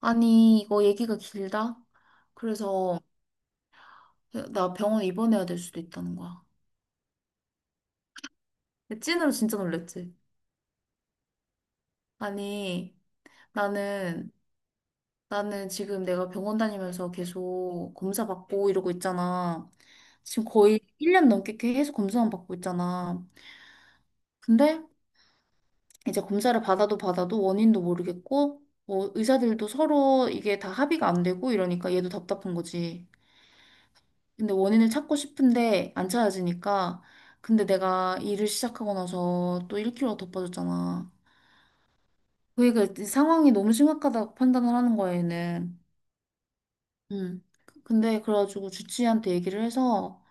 아니, 이거 얘기가 길다? 그래서 나 병원 입원해야 될 수도 있다는 거야. 찐으로 진짜 놀랬지. 아니, 나는, 나는 지금 내가 병원 다니면서 계속 검사 받고 이러고 있잖아. 지금 거의 1년 넘게 계속 검사만 받고 있잖아. 근데 이제 검사를 받아도 받아도 원인도 모르겠고, 뭐 의사들도 서로 이게 다 합의가 안 되고 이러니까 얘도 답답한 거지. 근데 원인을 찾고 싶은데 안 찾아지니까. 근데 내가 일을 시작하고 나서 또 1kg이 더 빠졌잖아. 그러니까 상황이 너무 심각하다고 판단을 하는 거야, 얘는. 음. 근데 그래가지고 주치의한테 얘기를 해서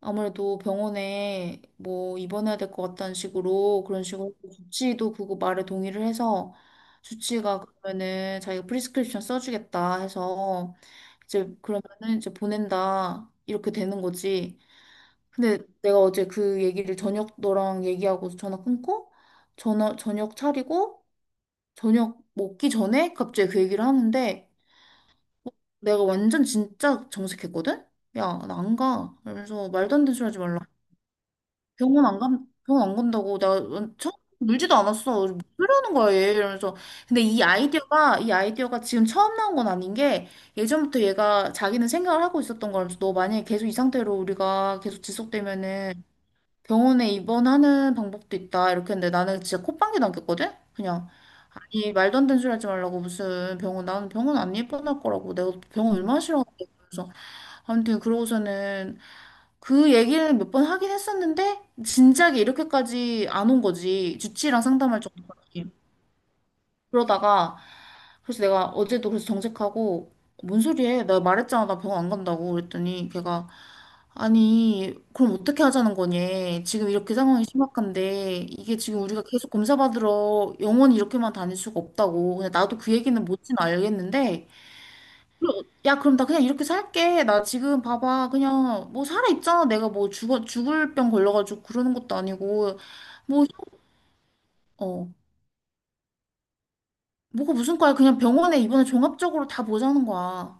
아무래도 병원에 뭐 입원해야 될 것 같다는 식으로 그런 식으로 주치의도 그거 말에 동의를 해서 주치의가 그러면은 자기가 프리스크립션 써주겠다 해서 이제 그러면은 이제 보낸다 이렇게 되는 거지. 근데 내가 어제 그 얘기를 저녁 너랑 얘기하고 전화 끊고 전화 저녁 차리고 저녁 먹기 전에 갑자기 그 얘기를 하는데 내가 완전 진짜 정색했거든? 야, 나 안 가. 그러면서 말도 안 되는 소리 하지 말라. 병원 안 간다고. 나 처음 울지도 않았어. 무슨 소리 하는 거야, 얘. 이러면서. 근데 이 아이디어가 지금 처음 나온 건 아닌 게 예전부터 얘가 자기는 생각을 하고 있었던 거라면서 너 만약에 계속 이 상태로 우리가 계속 지속되면은 병원에 입원하는 방법도 있다. 이렇게 했는데 나는 진짜 콧방귀 남겼거든? 그냥, 아니, 말도 안 되는 소리 하지 말라고. 무슨 병원, 나는 병원 안 입원할 거라고. 내가 병원 얼마나 싫어하는데. 그래서 아무튼 그러고서는 그 얘기를 몇 번 하긴 했었는데 진작에 이렇게까지 안 온 거지. 주치의랑 상담할 정도까지. 그러다가 그래서 내가 어제도 그래서 정색하고 뭔 소리해? 내가 말했잖아 나 병원 안 간다고 그랬더니 걔가 아니 그럼 어떻게 하자는 거니? 지금 이렇게 상황이 심각한데 이게 지금 우리가 계속 검사 받으러 영원히 이렇게만 다닐 수가 없다고 근데 나도 그 얘기는 못진 알겠는데 야 그럼 나 그냥 이렇게 살게 나 지금 봐봐 그냥 뭐 살아 있잖아 내가 뭐 죽어 죽을 병 걸려가지고 그러는 것도 아니고 뭐 어 뭐가 무슨 과야 그냥 병원에 이번에 종합적으로 다 보자는 거야.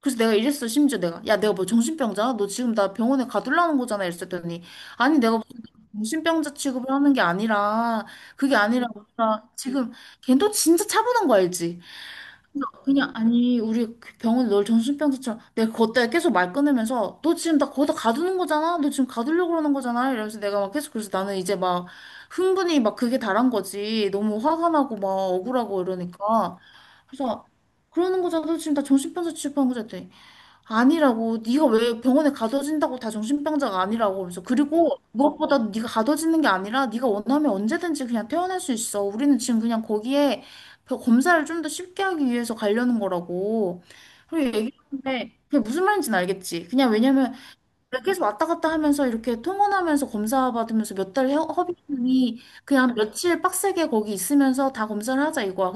그래서 내가 이랬어, 심지어 내가. 야, 내가 뭐 정신병자야? 너 지금 나 병원에 가둘라는 거잖아. 이랬더니. 아니, 내가 무슨 정신병자 취급을 하는 게 아니라, 그게 아니라, 우리가 지금, 걔도 진짜 차분한 거 알지? 그래서 그냥, 아니, 우리 병원에 널 정신병자처럼, 내가 그것 때문에 계속 말 끊으면서, 너 지금 나 거기다 가두는 거잖아? 너 지금 가두려고 그러는 거잖아? 이러면서 내가 막 계속, 그래서 나는 이제 막, 흥분이 막 그게 다란 거지. 너무 화가 나고 막 억울하고 이러니까. 그래서, 그러는 거잖아. 너 지금 나 정신병자 취급하는 거잖아. 아니라고 네가 왜 병원에 가둬진다고 다 정신병자가 아니라고 그러면서 그리고 무엇보다 네가 가둬지는 게 아니라 네가 원하면 언제든지 그냥 퇴원할 수 있어 우리는 지금 그냥 거기에 그 검사를 좀 더 쉽게 하기 위해서 가려는 거라고 그리고 얘기했는데 그게 무슨 말인지는 알겠지 그냥 왜냐면 그래, 계속 왔다 갔다 하면서 이렇게 통원하면서 검사 받으면서 몇 달 허비이 그냥 며칠 빡세게 거기 있으면서 다 검사를 하자 이거야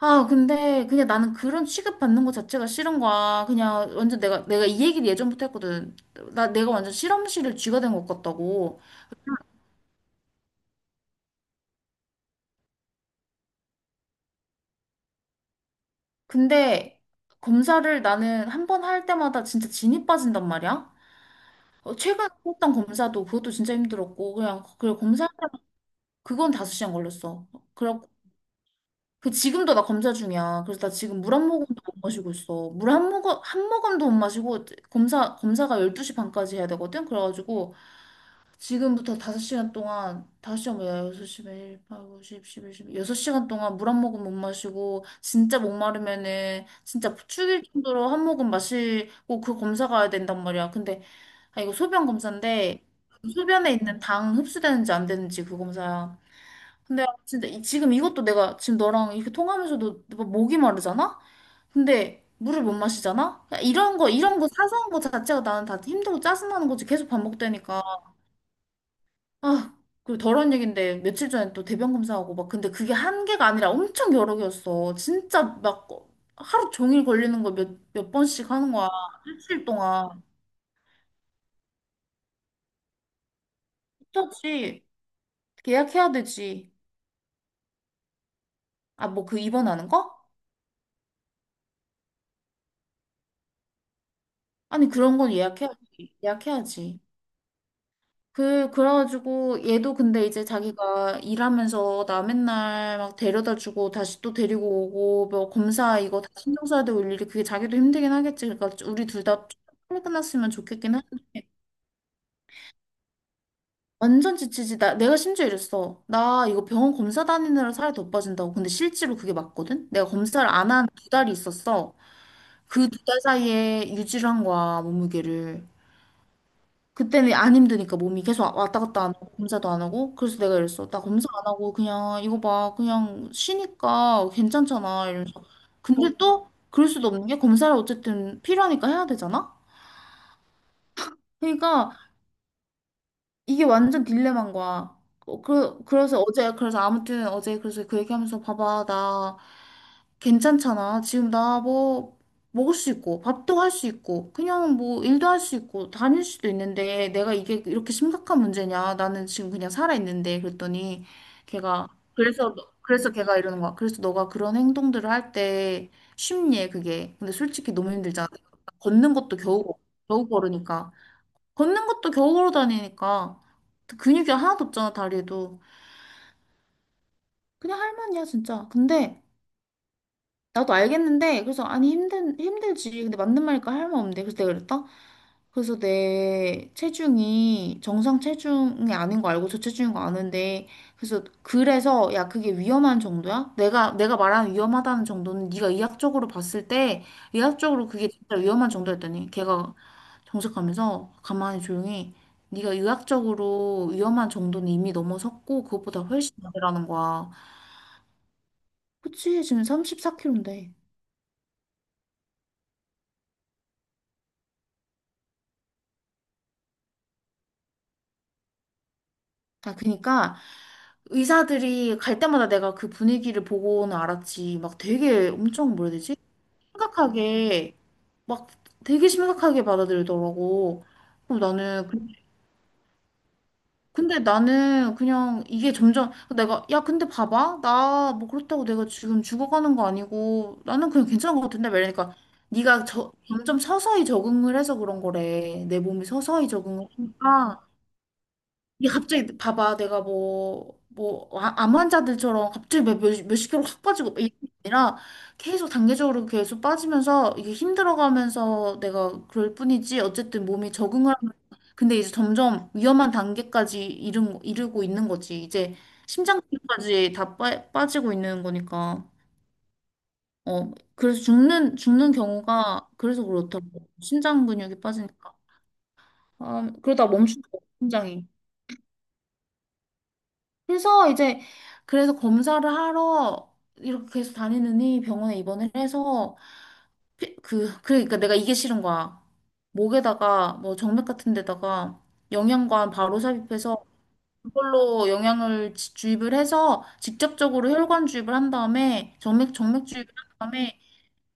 아, 근데 그냥 나는 그런 취급받는 것 자체가 싫은 거야. 그냥 완전 내가, 내가 이 얘기를 예전부터 했거든. 나, 내가 완전 실험실을 쥐가 된 것 같다고. 근데 검사를 나는 한 번 할 때마다 진짜 진이 빠진단 말이야. 어, 최근에 했던 검사도 그것도 진짜 힘들었고, 그냥, 그래, 검사, 그건 다섯 시간 걸렸어. 그렇고, 그 지금도 나 검사 중이야. 그래서 나 지금 물 한 모금도 못 마시고 있어. 물 한 모금, 한 모금도 못 마시고, 검사가 열두시 반까지 해야 되거든? 그래가지고, 지금부터 5시간 동안, 5시간 뭐야, 6시, 1, 8, 9, 10, 11, 1여 6시간 동안 물 한 모금 못 마시고, 진짜 목마르면은, 진짜 죽일 정도로 한 모금 마시고, 그 검사 가야 된단 말이야. 근데, 아, 이거 소변 검사인데, 그 소변에 있는 당 흡수되는지 안 되는지 그 검사야. 근데 진짜 지금 이것도 내가 지금 너랑 이렇게 통하면서도 뭐 목이 마르잖아? 근데 물을 못 마시잖아? 그러니까 이런 거, 이런 거 사소한 거 자체가 나는 다 힘들고 짜증나는 거지. 계속 반복되니까. 아, 그 더러운 얘긴데 며칠 전에 또 대변 검사하고 막 근데 그게 한 개가 아니라 엄청 여러 개였어. 진짜 막 어, 하루 종일 걸리는 거 몇 번씩 하는 거야. 일주일 동안. 그렇지. 예약해야 되지. 아, 뭐 그 입원하는 거? 아니, 그런 건 예약해야지. 예약해야지. 그래가지고 얘도 근데 이제 자기가 일하면서 나 맨날 막 데려다 주고 다시 또 데리고 오고 뭐 검사 이거 다 신경 써야 되고 일일이 그게 자기도 힘들긴 하겠지. 그러니까 우리 둘 다 빨리 끝났으면 좋겠긴 해. 완전 지치지. 나, 내가 심지어 이랬어. 나 이거 병원 검사 다니느라 살이 더 빠진다고. 근데 실제로 그게 맞거든? 내가 검사를 안 한 두 달이 있었어. 그 두 달 사이에 유지를 한 거야, 몸무게를. 그때는 안 힘드니까 몸이 계속 왔다 갔다 안 하고 검사도 안 하고 그래서 내가 이랬어 나 검사 안 하고 그냥 이거 봐 그냥 쉬니까 괜찮잖아 이러면서 근데 또 그럴 수도 없는 게 검사를 어쨌든 필요하니까 해야 되잖아 그러니까 이게 완전 딜레마인 거야 그래서 어제 그래서 아무튼 어제 그래서 그 얘기하면서 봐봐 나 괜찮잖아. 지금 나 뭐 먹을 수 있고, 밥도 할 수 있고, 그냥 뭐 일도 할 수 있고, 다닐 수도 있는데 내가 이게 이렇게 심각한 문제냐? 나는 지금 그냥 살아있는데 그랬더니 걔가 그래서 그래서 걔가 이러는 거야. 그래서 너가 그런 행동들을 할 때 쉽니 그게. 근데 솔직히 너무 힘들잖아. 걷는 것도 겨우 겨우 걸으니까. 걷는 것도 겨우 걸어 다니니까 근육이 하나도 없잖아 다리에도. 그냥 할머니야 진짜. 근데 나도 알겠는데 그래서 아니 힘든 힘들지 근데 맞는 말이니까 할 말 없는데 그래서 내가 그랬다 그래서 내 체중이 정상 체중이 아닌 거 알고 저체중인 거 아는데 그래서 야 그게 위험한 정도야? 내가 말하는 위험하다는 정도는 네가 의학적으로 봤을 때 의학적으로 그게 진짜 위험한 정도였더니 걔가 정색하면서 가만히 조용히 네가 의학적으로 위험한 정도는 이미 넘어섰고 그것보다 훨씬 많으라는 거야. 그치 지금 34kg인데. 아, 그니까 의사들이 갈 때마다 내가 그 분위기를 보고는 알았지. 막 되게 엄청 뭐라 해야 되지? 심각하게 막 되게 심각하게 받아들이더라고. 그럼 나는 그- 근데 나는 그냥 이게 점점 내가 야 근데 봐봐 나 뭐 그렇다고 내가 지금 죽어가는 거 아니고 나는 그냥 괜찮은 거 같은데 말이니까 점점 서서히 적응을 해서 그런 거래 내 몸이 서서히 적응을 하니까 이게 갑자기 봐봐 내가 뭐암 환자들처럼 갑자기 몇십 킬로 확 빠지고 이게 아니라 계속 단계적으로 계속 빠지면서 이게 힘들어가면서 내가 그럴 뿐이지 어쨌든 몸이 적응을 하면 근데 이제 점점 위험한 단계까지 이르고 있는 거지 이제 심장까지 빠지고 있는 거니까 어 그래서 죽는 경우가 그래서 그렇다고 심장 근육이 빠지니까 아 그러다 멈춘다 심장이 그래서 이제 그래서 검사를 하러 이렇게 계속 다니느니 병원에 입원을 해서 그러니까 내가 이게 싫은 거야. 목에다가 뭐 정맥 같은 데다가 영양관 바로 삽입해서 그걸로 영양을 주입을 해서 직접적으로 혈관 주입을 한 다음에 정맥 주입을 한 다음에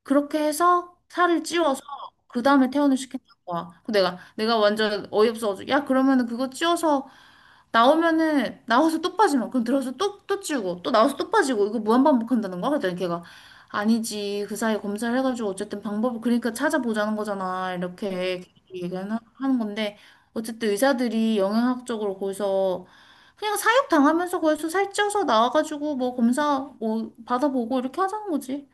그렇게 해서 살을 찌워서 그 다음에 퇴원을 시킨다는 거야. 내가 완전 어이없어가지고 야 그러면은 그거 찌워서 나오면은 나와서 또 빠지면 그럼 들어서 또 찌우고 또 나와서 또 빠지고 이거 무한반복한다는 거야? 그랬더니 걔가 아니지 그 사이에 검사를 해가지고 어쨌든 방법을 그러니까 찾아보자는 거잖아 이렇게 얘기하는 하는 건데 어쨌든 의사들이 영양학적으로 거기서 그냥 사육 당하면서 거기서 살쪄서 나와가지고 뭐 검사 뭐 받아보고 이렇게 하자는 거지.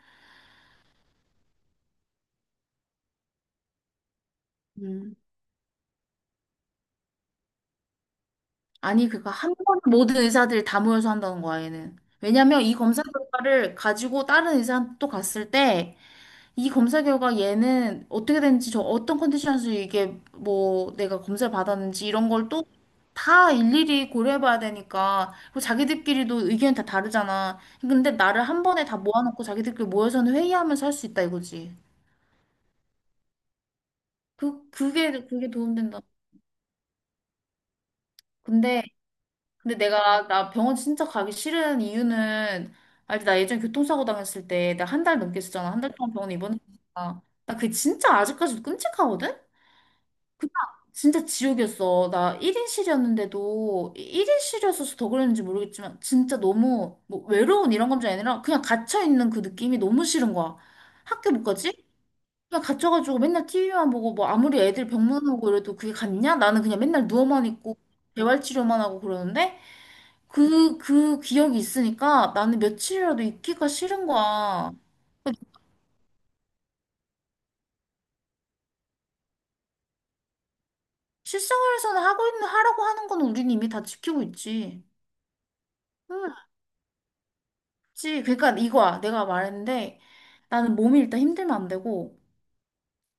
음. 아니 그니까 한 번에 모든 의사들 다 모여서 한다는 거야 얘는. 왜냐면 이 검사 결과를 가지고 다른 의사한테 또 갔을 때 이 검사 결과 얘는 어떻게 됐는지 저 어떤 컨디션에서 이게 뭐 내가 검사를 받았는지 이런 걸 또 다 일일이 고려해봐야 되니까 그리고 자기들끼리도 의견이 다 다르잖아. 근데 나를 한 번에 다 모아놓고 자기들끼리 모여서는 회의하면서 할 수 있다 이거지. 그게 도움된다. 근데 근데 내가 나 병원 진짜 가기 싫은 이유는 알지? 나 예전에 교통사고 당했을 때 나 한 달 넘게 있었잖아. 한 달 동안 병원에 입원했으니까 나 그게 진짜 아직까지도 끔찍하거든? 그냥 진짜 지옥이었어. 나 1인실이었는데도 1인실이었어서 더 그랬는지 모르겠지만 진짜 너무 뭐 외로운 이런 감정이 아니라 그냥 갇혀있는 그 느낌이 너무 싫은 거야. 학교 못 가지? 그냥 갇혀가지고 맨날 TV만 보고 뭐 아무리 애들 병문 오고 이래도 그게 같냐? 나는 그냥 맨날 누워만 있고 재활치료만 하고 그러는데 그 기억이 있으니까 나는 며칠이라도 있기가 싫은 거야. 실생활에서는 하라고 하는 건 우린 이미 다 지키고 있지. 응. 그치. 그러니까 이거야. 내가 말했는데 나는 몸이 일단 힘들면 안 되고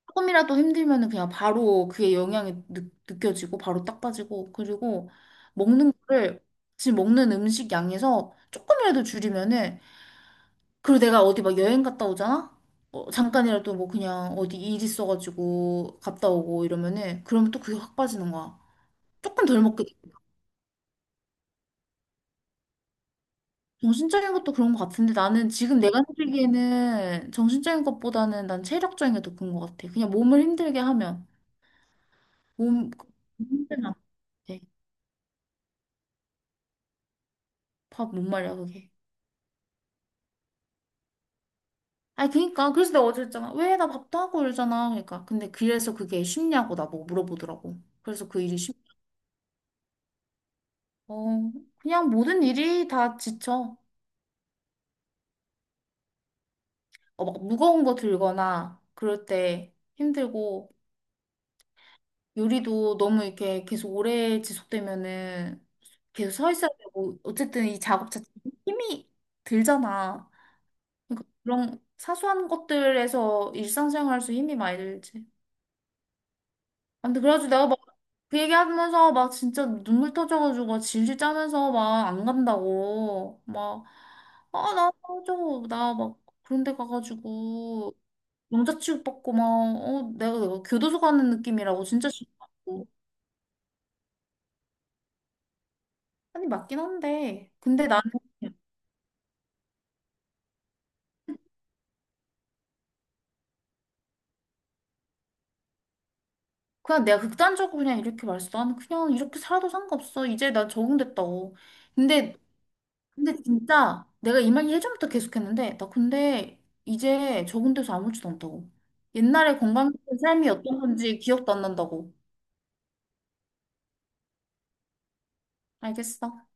조금이라도 힘들면은 그냥 바로 그게 영향이 느껴지고 바로 딱 빠지고 그리고 먹는 거를 지금 먹는 음식 양에서 조금이라도 줄이면은 그리고 내가 어디 막 여행 갔다 오잖아? 어, 잠깐이라도 뭐 그냥 어디 일 있어가지고 갔다 오고 이러면은 그러면 또 그게 확 빠지는 거야. 조금 덜 먹게 돼. 정신적인 것도 그런 것 같은데 나는 지금 내가 느끼기에는 정신적인 것보다는 난 체력적인 게 더 큰 것 같아. 그냥 몸을 힘들게 하면 몸 힘들면 안 돼. 밥 못 말이야 그게. 아니 그니까 그래서 내가 어제 했잖아. 왜 나 밥도 하고 이러잖아. 그러니까 근데 그래서 그게 쉽냐고 나보고 물어보더라고. 그래서 그 일이 쉽. 어 그냥 모든 일이 다 지쳐. 어, 막 무거운 거 들거나 그럴 때 힘들고. 요리도 너무 이렇게 계속 오래 지속되면은 계속 서 있어야 되고 어쨌든 이 작업 자체 힘이 들잖아. 그러니까 그런 사소한 것들에서 일상생활에서 힘이 많이 들지. 아무튼 그래가지고 내가 막 그 얘기하면서 막 진짜 눈물 터져가지고 막 질질 짜면서 막 안 간다고 막 아나 저거 나막 그런 데 가가지고 영자 취급받고 막 어 내가 내가 교도소 가는 느낌이라고 진짜 싫어. 아니, 맞긴 한데. 근데 나는 그냥 내가 극단적으로 그냥 이렇게 말했어. 나는 그냥 이렇게 살아도 상관없어. 이제 나 적응됐다고. 근데, 근데 진짜 내가 이 말 예전부터 계속했는데, 나 근데 이제 적응돼서 아무렇지도 않다고. 옛날에 건강했던 삶이었던 건지 기억도 안 난다고. 알겠어.